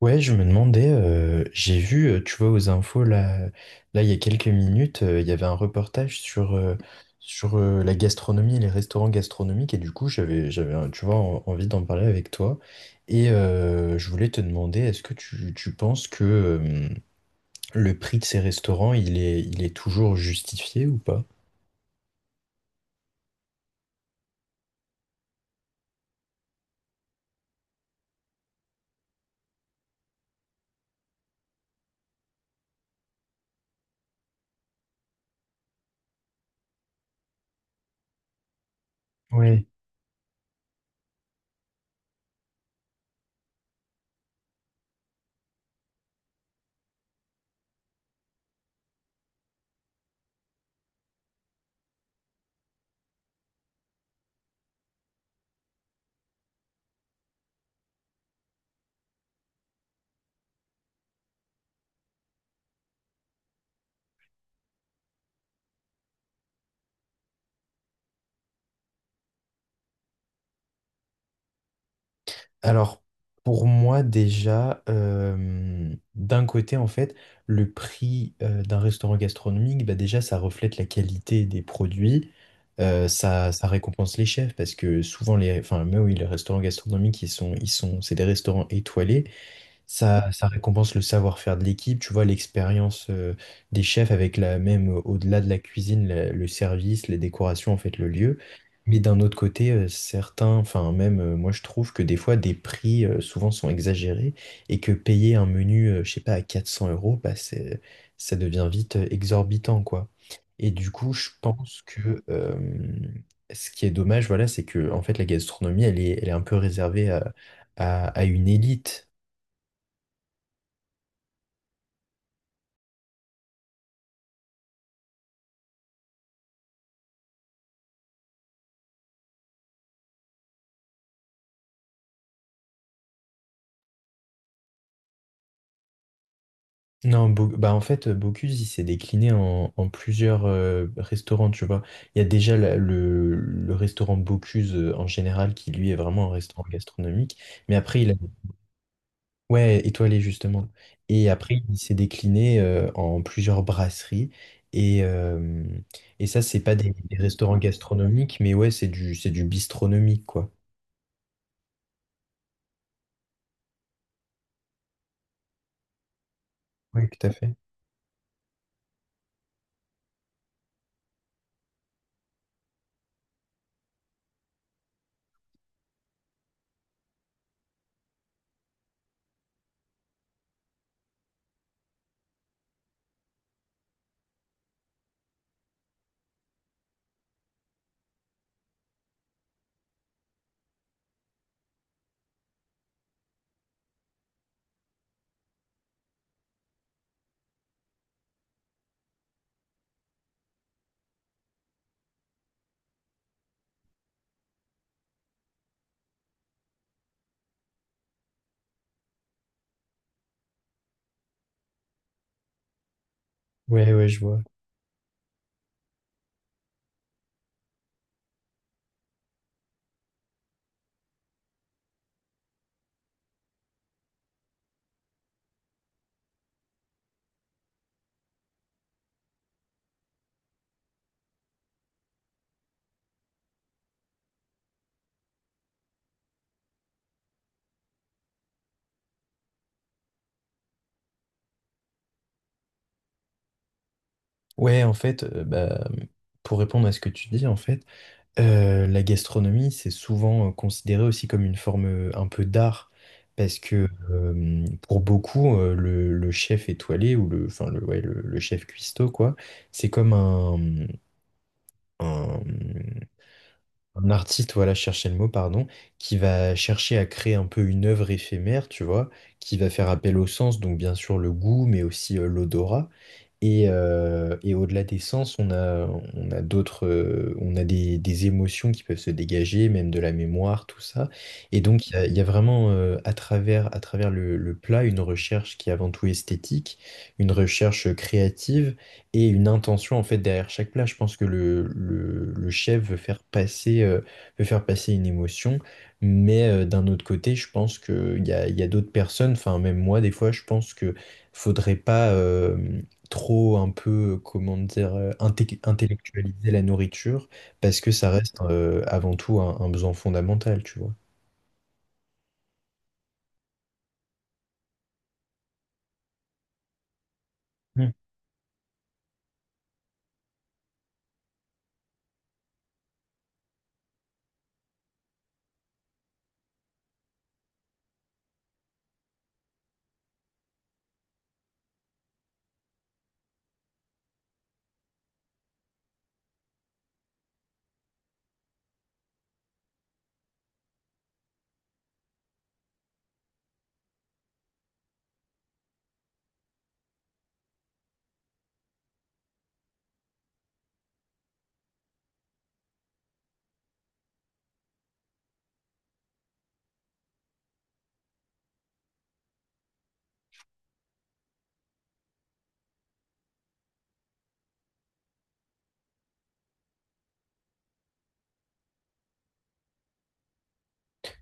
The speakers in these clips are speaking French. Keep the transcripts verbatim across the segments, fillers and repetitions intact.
Ouais, je me demandais, euh, j'ai vu, euh, tu vois, aux infos, là, là, il y a quelques minutes, euh, il y avait un reportage sur, euh, sur euh, la gastronomie et les restaurants gastronomiques, et du coup, j'avais, j'avais, euh, tu vois, en- envie d'en parler avec toi. Et euh, je voulais te demander, est-ce que tu, tu penses que euh, le prix de ces restaurants, il est, il est toujours justifié ou pas? Oui. Alors, pour moi déjà, euh, d'un côté, en fait, le prix euh, d'un restaurant gastronomique, bah déjà, ça reflète la qualité des produits, euh, ça, ça récompense les chefs, parce que souvent, les, enfin, mais oui, les restaurants gastronomiques, ils sont, ils sont, c'est des restaurants étoilés. Ça, ça récompense le savoir-faire de l'équipe, tu vois, l'expérience euh, des chefs avec la même, euh, au-delà de la cuisine, la- le service, les décorations, en fait, le lieu. Mais d'un autre côté, euh, certains, enfin même euh, moi je trouve que des fois des prix euh, souvent sont exagérés et que payer un menu, euh, je sais pas, à quatre cents euros, bah, c'est, ça devient vite euh, exorbitant, quoi. Et du coup, je pense que euh, ce qui est dommage, voilà, c'est que en fait la gastronomie, elle est, elle est un peu réservée à, à- à une élite. Non, Bo- bah en fait, Bocuse, il s'est décliné en, en plusieurs euh, restaurants, tu vois. Il y a déjà la- le, le restaurant Bocuse euh, en général, qui lui est vraiment un restaurant gastronomique. Mais après, il a... Ouais, étoilé justement. Et après, il s'est décliné euh, en plusieurs brasseries. Et, euh, et ça, c'est pas des, des restaurants gastronomiques, mais ouais, c'est du, c'est du bistronomique, quoi. Oui, tout à fait. Ouais, ouais, je vois. Ouais, en fait, euh, bah, pour répondre à ce que tu dis, en fait, Euh, la gastronomie, c'est souvent euh, considéré aussi comme une forme euh, un peu d'art, parce que euh, pour beaucoup, euh, le, le chef étoilé, ou le, enfin, le, ouais, le, le chef cuistot, quoi, c'est comme un, mmh, un, un artiste, voilà, chercher le mot, pardon, qui va chercher à créer un peu une œuvre éphémère, tu vois, qui va faire appel au sens, donc bien sûr le goût, mais aussi euh, l'odorat. Et, euh, et au-delà des sens, on a, on a d'autres, euh, on a des, des émotions qui peuvent se dégager, même de la mémoire, tout ça. Et donc, il y a, il y a vraiment, euh, à travers, à travers le, le plat, une recherche qui est avant tout esthétique, une recherche créative et une intention, en fait, derrière chaque plat. Je pense que le, le, le chef veut faire passer, euh, veut faire passer une émotion. Mais euh, d'un autre côté, je pense qu'il y a, il y a d'autres personnes, enfin, même moi, des fois, je pense que faudrait pas. euh, trop un peu, euh, comment dire, euh, inté- intellectualiser la nourriture, parce que ça reste euh, avant tout un, un besoin fondamental, tu vois. Mm.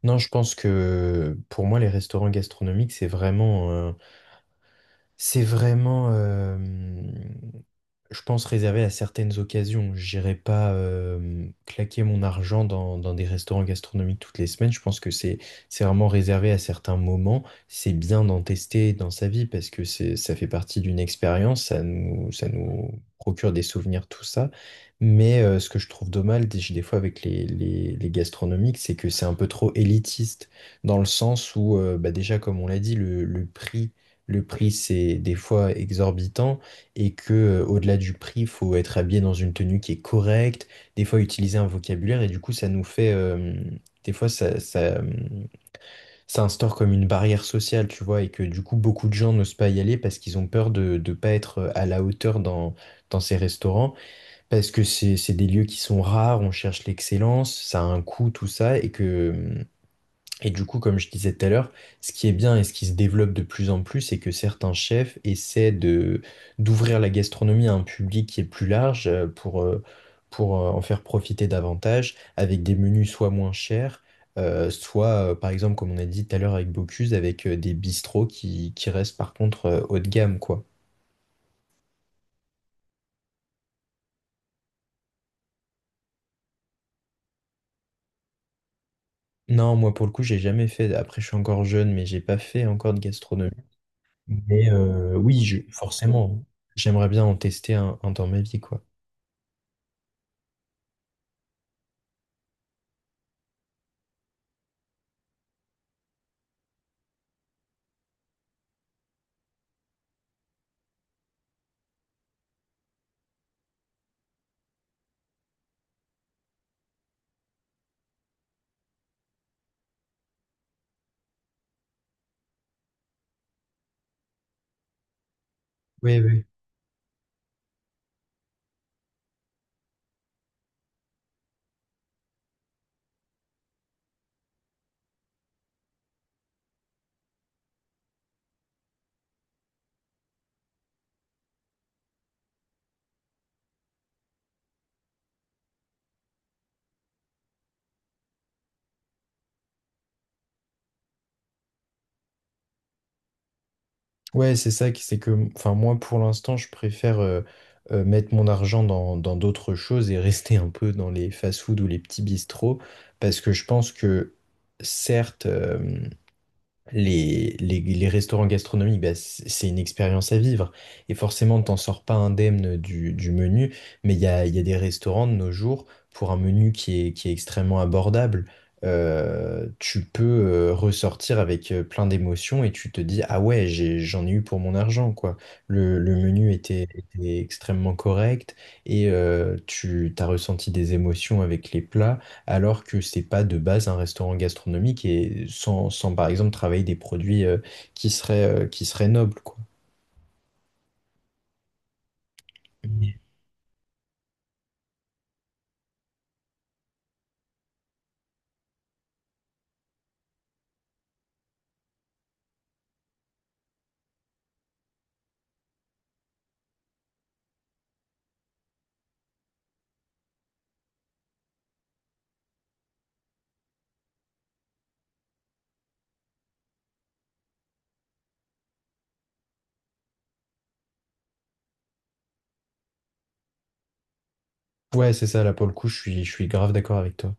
Non, je pense que pour moi, les restaurants gastronomiques, c'est vraiment, euh, c'est vraiment, euh, je pense réserver à certaines occasions. J'irai pas euh, claquer mon argent dans, dans des restaurants gastronomiques toutes les semaines. Je pense que c'est c'est vraiment réservé à certains moments. C'est bien d'en tester dans sa vie parce que c'est ça fait partie d'une expérience. Ça nous ça nous procure des souvenirs, tout ça. Mais euh, ce que je trouve dommage des, des fois avec les, les, les gastronomiques, c'est que c'est un peu trop élitiste dans le sens où euh, bah déjà comme on l'a dit, le, le prix le prix c'est des fois exorbitant et que euh, au-delà du prix, faut être habillé dans une tenue qui est correcte, des fois utiliser un vocabulaire et du coup ça nous fait euh, des fois ça, ça, euh, ça instaure comme une barrière sociale, tu vois, et que du coup beaucoup de gens n'osent pas y aller parce qu'ils ont peur de ne pas être euh, à la hauteur dans, dans ces restaurants, parce que c'est c'est des lieux qui sont rares, on cherche l'excellence, ça a un coût, tout ça, et que et du coup, comme je disais tout à l'heure, ce qui est bien et ce qui se développe de plus en plus, c'est que certains chefs essaient de d'ouvrir la gastronomie à un public qui est plus large euh, pour, euh, pour euh, en faire profiter davantage avec des menus soit moins chers, euh, soit, euh, par exemple, comme on a dit tout à l'heure avec Bocuse, avec euh, des bistrots qui, qui restent par contre euh, haut de gamme, quoi. Non, moi pour le coup, j'ai jamais fait. Après, je suis encore jeune, mais j'ai pas fait encore de gastronomie. Mais euh, oui, je- forcément, j'aimerais bien en tester un, un dans ma vie, quoi. Oui, oui. Ouais, c'est ça, qui- c'est que, enfin, moi, pour l'instant, je préfère euh, euh, mettre mon argent dans, dans d'autres choses et rester un peu dans les fast-food ou les petits bistrots, parce que je pense que, certes, Les, les, les restaurants gastronomiques, bah, c- c'est une expérience à vivre. Et forcément, t'en sors pas indemne du, du menu, mais il y a, il y a des restaurants de nos jours pour un menu qui est, qui est extrêmement abordable. Euh, tu peux euh, ressortir avec euh, plein d'émotions et tu te dis, ah ouais, j'ai- j'en ai eu pour mon argent, quoi. Le, le menu était, était extrêmement correct et euh, tu as ressenti des émotions avec les plats alors que c'est pas de base un restaurant gastronomique et sans, sans par exemple travailler des produits euh, qui seraient, euh, qui seraient nobles, quoi. Mais- Ouais, c'est ça, là pour le coup, je suis, je suis grave d'accord avec toi.